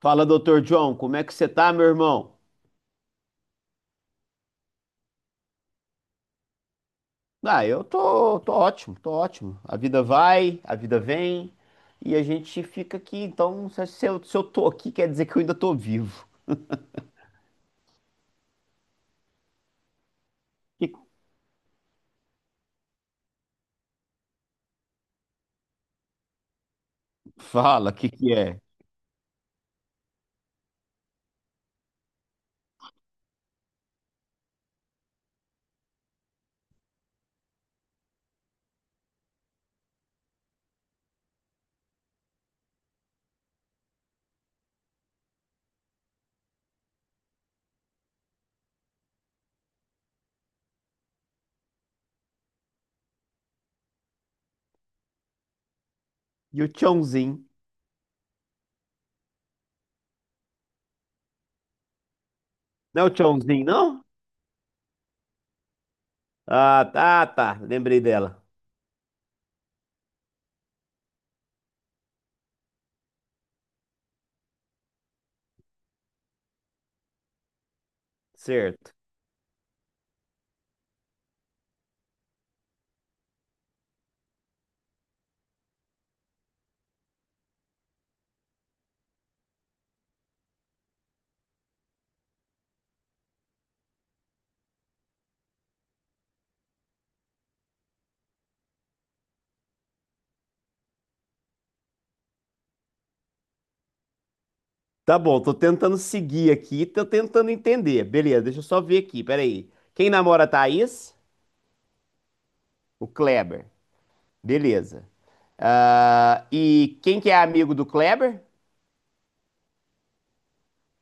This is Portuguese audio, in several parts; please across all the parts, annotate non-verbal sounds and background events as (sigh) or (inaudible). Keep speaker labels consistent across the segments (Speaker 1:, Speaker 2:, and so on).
Speaker 1: Fala, doutor John, como é que você tá, meu irmão? Ah, eu tô, tô ótimo. A vida vai, a vida vem e a gente fica aqui. Então, se eu tô aqui, quer dizer que eu ainda tô vivo. Que- Fala, o que que é? E o Chãozinho? Não é o Chãozinho, não? Ah, tá, tá, lembrei dela. Certo. Tá bom, tô tentando seguir aqui, tô tentando entender. Beleza, deixa eu só ver aqui, peraí. Quem namora a Thaís? O Kleber. Beleza. Ah, e quem que é amigo do Kleber?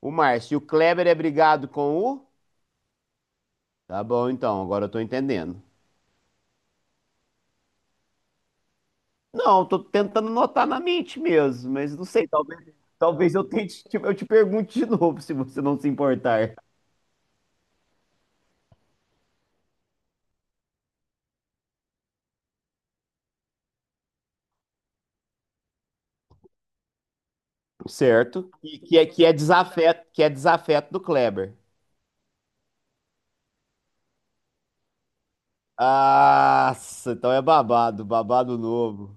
Speaker 1: O Márcio. E o Kleber é brigado com o? Tá bom, então, agora eu tô entendendo. Não, tô tentando anotar na mente mesmo, mas não sei, talvez, talvez eu tente, eu te pergunte de novo, se você não se importar. Certo? E que é desafeto do Kleber. Nossa, então é babado, babado novo.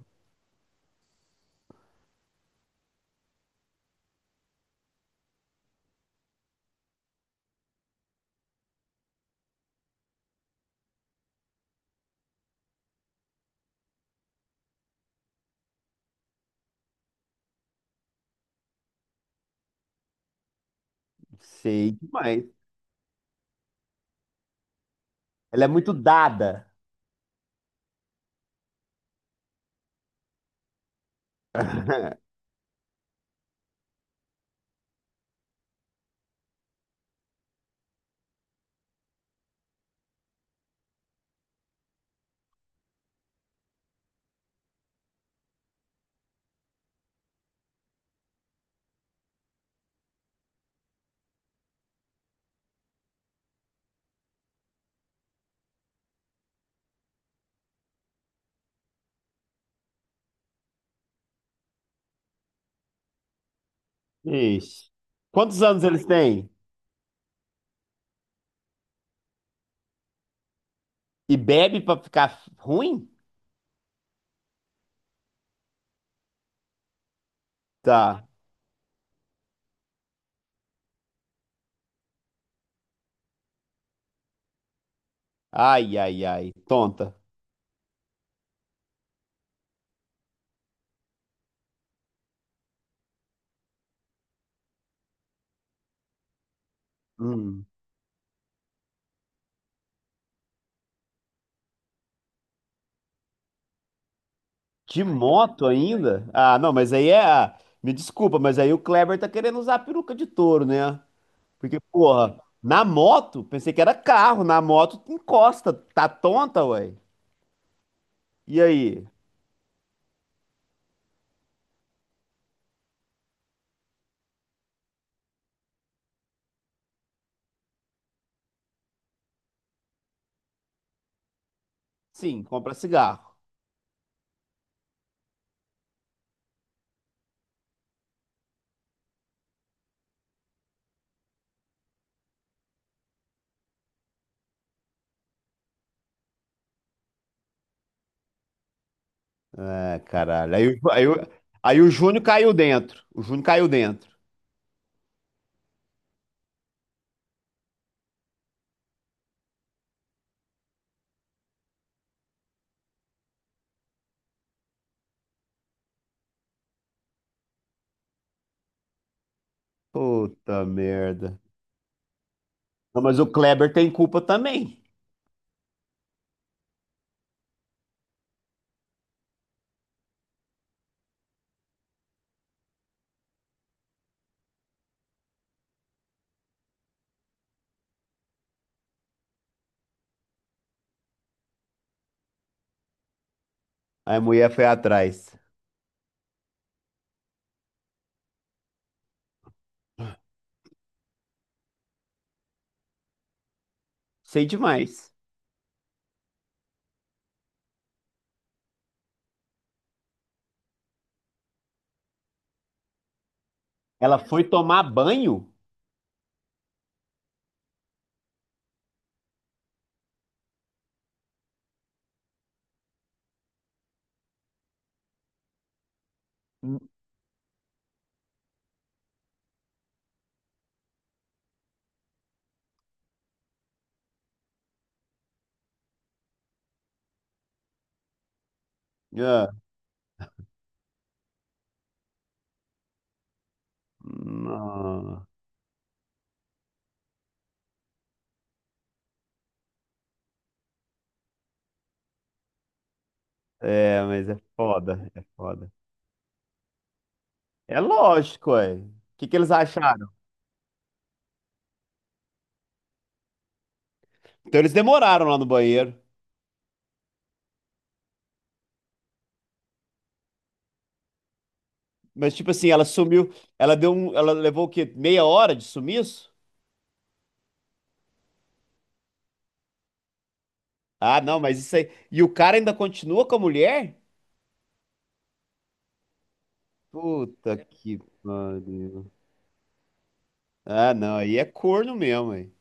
Speaker 1: Sei demais. Ela é muito dada. (laughs) Ixi. Quantos anos eles têm? E bebe pra ficar ruim? Tá. Ai, ai, ai. Tonta. Hum. De moto ainda? Ah, não, mas aí é. Me desculpa, mas aí o Kleber tá querendo usar a peruca de touro, né? Porque, porra, na moto, pensei que era carro, na moto encosta, tá tonta, ué. E aí? Sim, compra cigarro. É, caralho. Aí o Júnior caiu dentro. O Júnior caiu dentro. Puta merda. Não, mas o Kleber tem culpa também. Aí a mulher foi atrás. Sei demais. Ela foi tomar banho? Hum. Ah, não. É, mas é foda, é foda. É lógico, ué. O que que eles acharam? Então eles demoraram lá no banheiro. Mas, tipo assim, ela sumiu. Ela deu um. Ela levou o quê? Meia hora de sumiço? Ah, não, mas isso aí. E o cara ainda continua com a mulher? Puta que pariu. Ah, não, aí é corno mesmo, hein?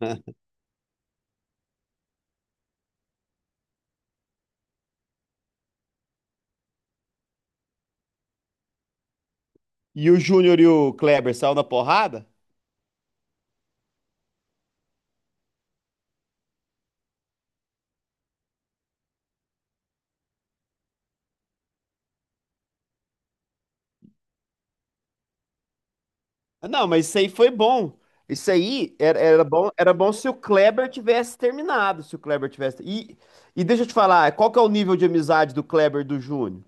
Speaker 1: (laughs) E o Júnior e o Kleber saiu na porrada? Não, mas isso aí foi bom. Isso aí era, era bom se o Kleber tivesse terminado, se o Kleber tivesse. E deixa eu te falar, qual que é o nível de amizade do Kleber e do Júnior?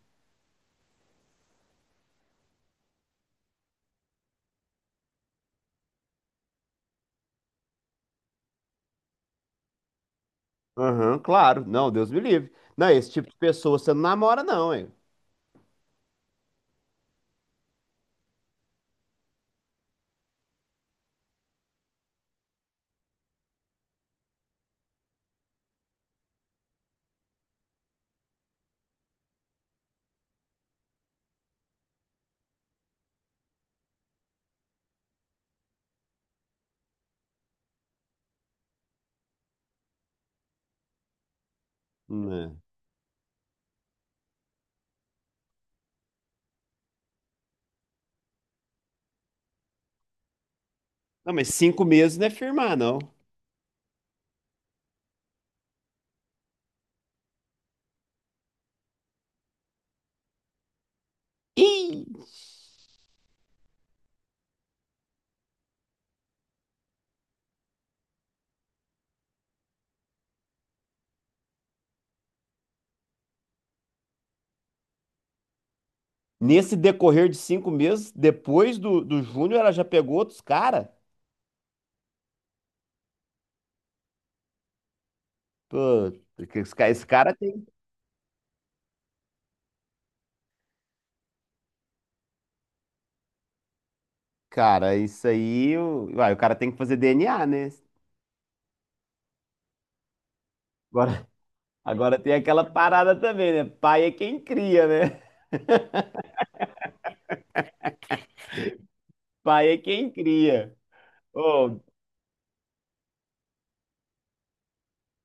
Speaker 1: Aham, claro. Não, Deus me livre. Não, esse tipo de pessoa você não namora, não, hein? Né? Não, mas 5 meses não é firmar, não. Ih! Nesse decorrer de 5 meses, depois do, do Júnior, ela já pegou outros caras. Pô, porque esse cara tem. Cara, isso aí. Uai, o cara tem que fazer DNA, né? Agora, agora tem aquela parada também, né? Pai é quem cria, né? Pai é quem cria. Oh,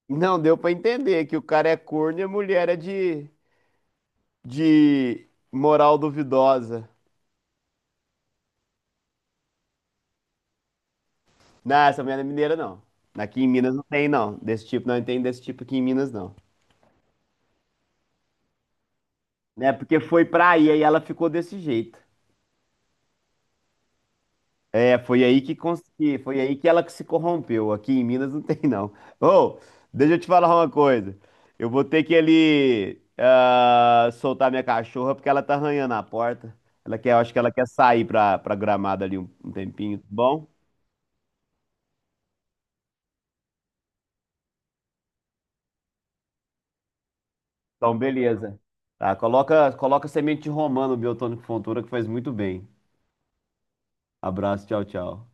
Speaker 1: não deu pra entender que o cara é corno e a mulher é de moral duvidosa. Não, essa mulher não é mineira, não. Aqui em Minas não tem, não. Desse tipo, não tem desse tipo aqui em Minas, não. Né? Porque foi pra aí, aí ela ficou desse jeito. É, foi aí que consegui, foi aí que ela se corrompeu. Aqui em Minas não (laughs) tem, não. Ô, deixa eu te falar uma coisa. Eu vou ter que ali soltar minha cachorra porque ela tá arranhando a porta. Ela quer, eu acho que ela quer sair pra, pra gramado ali um, um tempinho, tá bom? Então, beleza. Tá, coloca, coloca semente de romã no Biotônico Fontoura que faz muito bem. Abraço, tchau, tchau.